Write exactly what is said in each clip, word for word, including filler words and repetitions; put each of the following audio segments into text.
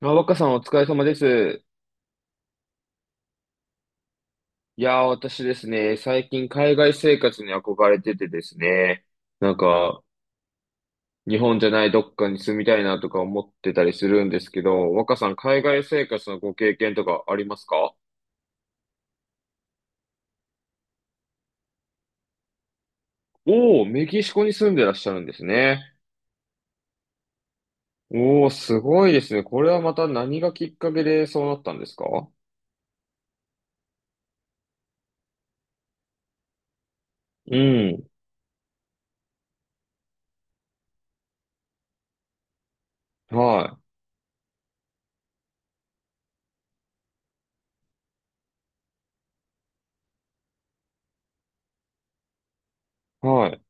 あ、若さんお疲れ様です。いやー、私ですね、最近海外生活に憧れててですね、なんか、日本じゃないどっかに住みたいなとか思ってたりするんですけど、若さん海外生活のご経験とかありますか？おー、メキシコに住んでらっしゃるんですね。おー、すごいですね。これはまた何がきっかけでそうなったんですか？うん。はい。はい。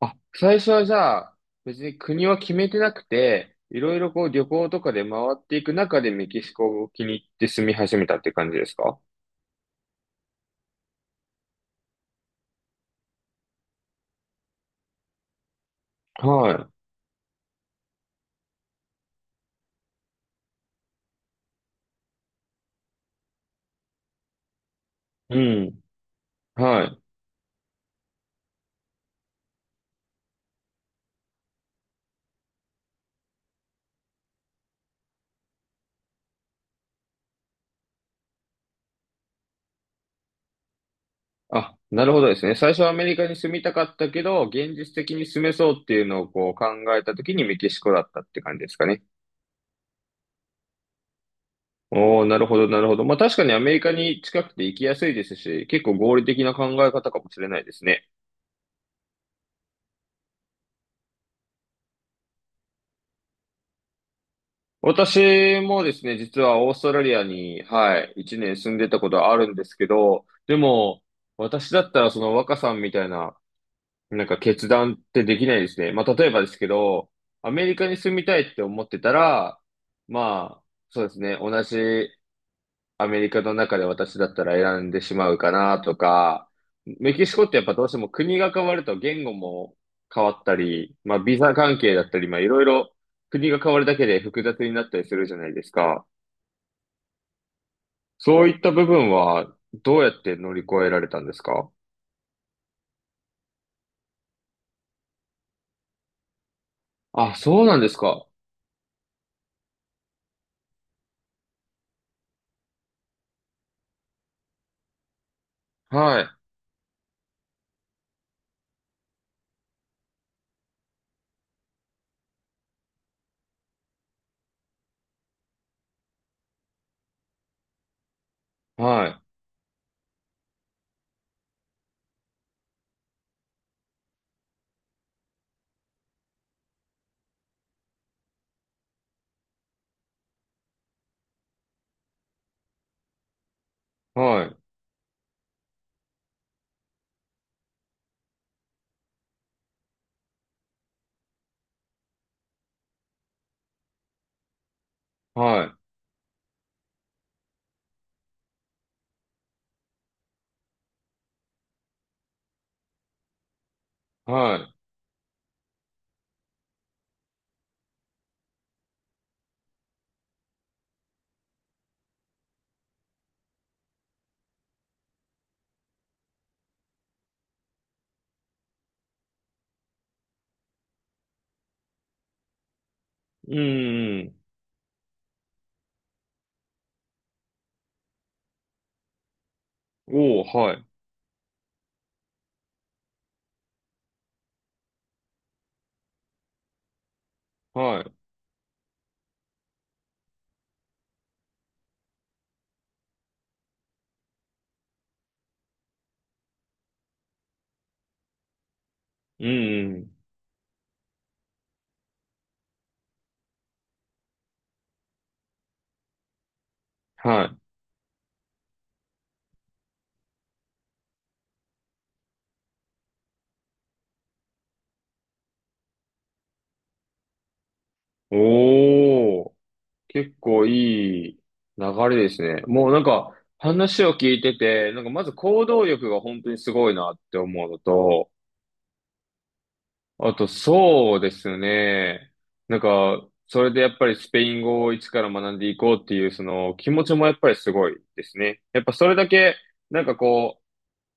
あ、最初はじゃあ、別に国は決めてなくて、いろいろこう旅行とかで回っていく中でメキシコを気に入って住み始めたって感じですか？はい。うん。はい。あ、なるほどですね。最初はアメリカに住みたかったけど、現実的に住めそうっていうのをこう考えた時にメキシコだったって感じですかね。おー、なるほど、なるほど。まあ確かにアメリカに近くて行きやすいですし、結構合理的な考え方かもしれないですね。私もですね、実はオーストラリアに、はい、いちねん住んでたことはあるんですけど、でも、私だったらその若さんみたいな、なんか決断ってできないですね。まあ、例えばですけど、アメリカに住みたいって思ってたら、まあ、そうですね、同じアメリカの中で私だったら選んでしまうかなとか、メキシコってやっぱどうしても国が変わると言語も変わったり、まあビザ関係だったり、まあいろいろ国が変わるだけで複雑になったりするじゃないですか。そういった部分はどうやって乗り越えられたんですか？あ、そうなんですか。はい、はい、はい、はい、はい。うん、うん。おー、はい、はい。うん、うん。はい。おー。結構いい流れですね。もうなんか話を聞いてて、なんかまず行動力が本当にすごいなって思うのと、あとそうですね。なんか、それでやっぱりスペイン語を一から学んでいこうっていうその気持ちもやっぱりすごいですね。やっぱそれだけ、なんかこ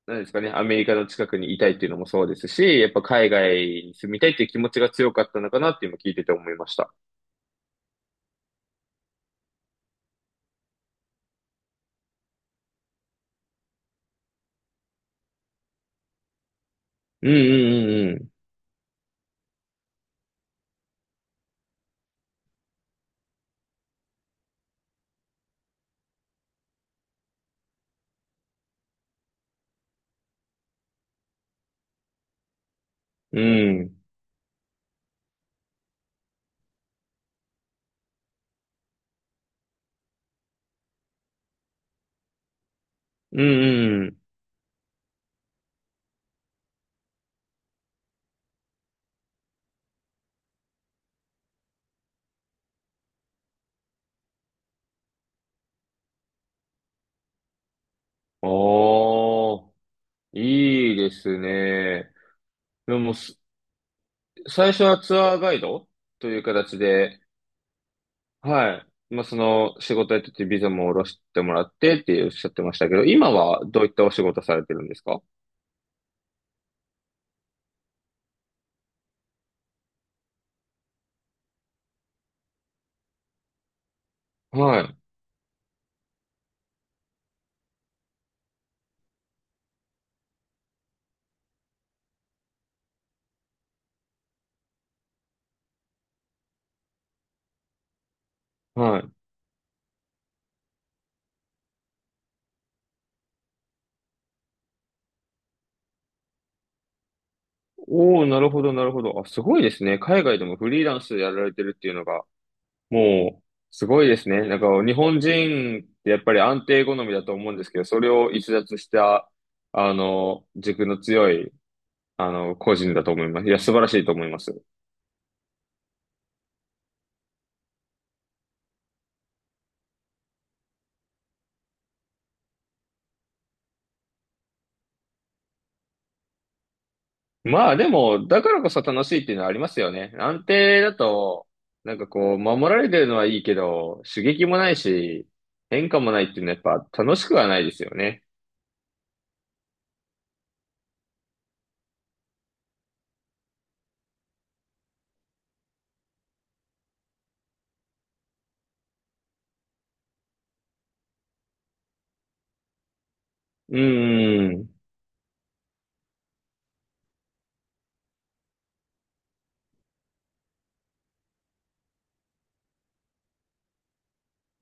う、なんですかね、アメリカの近くにいたいっていうのもそうですし、やっぱ海外に住みたいっていう気持ちが強かったのかなって今聞いてて思いました。うんうんうんうん。うん。うんうんああ、いいですね。でも、す最初はツアーガイドという形で、はい。まあ、その仕事やっててビザも下ろしてもらってっておっしゃってましたけど、今はどういったお仕事されてるんですか？はい。はい。おお、なるほど、なるほど。あ、すごいですね。海外でもフリーランスでやられてるっていうのが、もう、すごいですね。なんか、日本人ってやっぱり安定好みだと思うんですけど、それを逸脱した、あの、軸の強いあの、個人だと思います。いや、素晴らしいと思います。まあでも、だからこそ楽しいっていうのはありますよね。安定だと、なんかこう、守られてるのはいいけど、刺激もないし、変化もないっていうのはやっぱ楽しくはないですよね。うん、うん、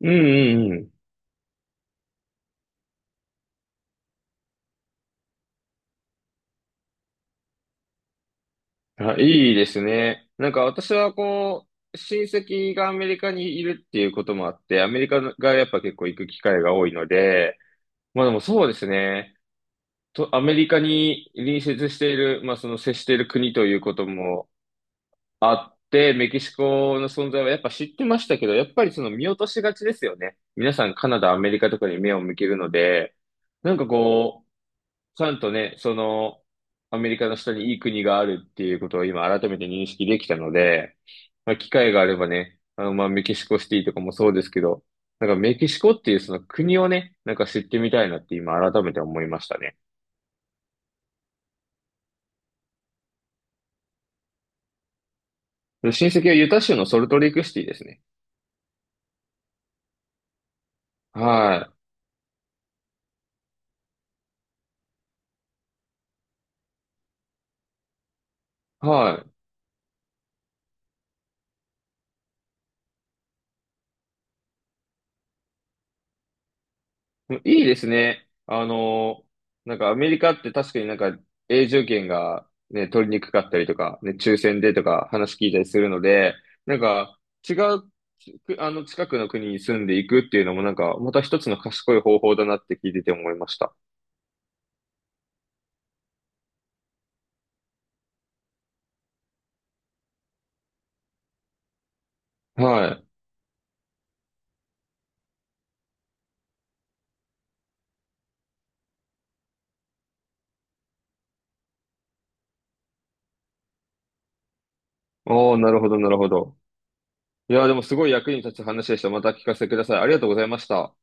うん、うん。あ、いいですね。なんか私はこう、親戚がアメリカにいるっていうこともあって、アメリカがやっぱ結構行く機会が多いので、まあでもそうですね。と、アメリカに隣接している、まあその接している国ということもあって、メキシコの存在はやっぱ知ってましたけど、やっぱりその見落としがちですよね。皆さんカナダ、アメリカとかに目を向けるので、なんかこう、ちゃんとね、その、アメリカの下にいい国があるっていうことを今改めて認識できたので、まあ、機会があればね、あの、まあ、メキシコシティとかもそうですけど、なんかメキシコっていうその国をね、なんか知ってみたいなって今改めて思いましたね。で親戚はユタ州のソルトレイクシティですね。はい。はい。いいですね。あの、なんかアメリカって確かになんか永住権がね、取りにくかったりとか、ね、抽選でとか話聞いたりするので、なんか違う、ちくあの近くの国に住んでいくっていうのもなんかまた一つの賢い方法だなって聞いてて思いました。はい。おー、なるほど、なるほど。いやー、でもすごい役に立つ話でした。また聞かせてください。ありがとうございました。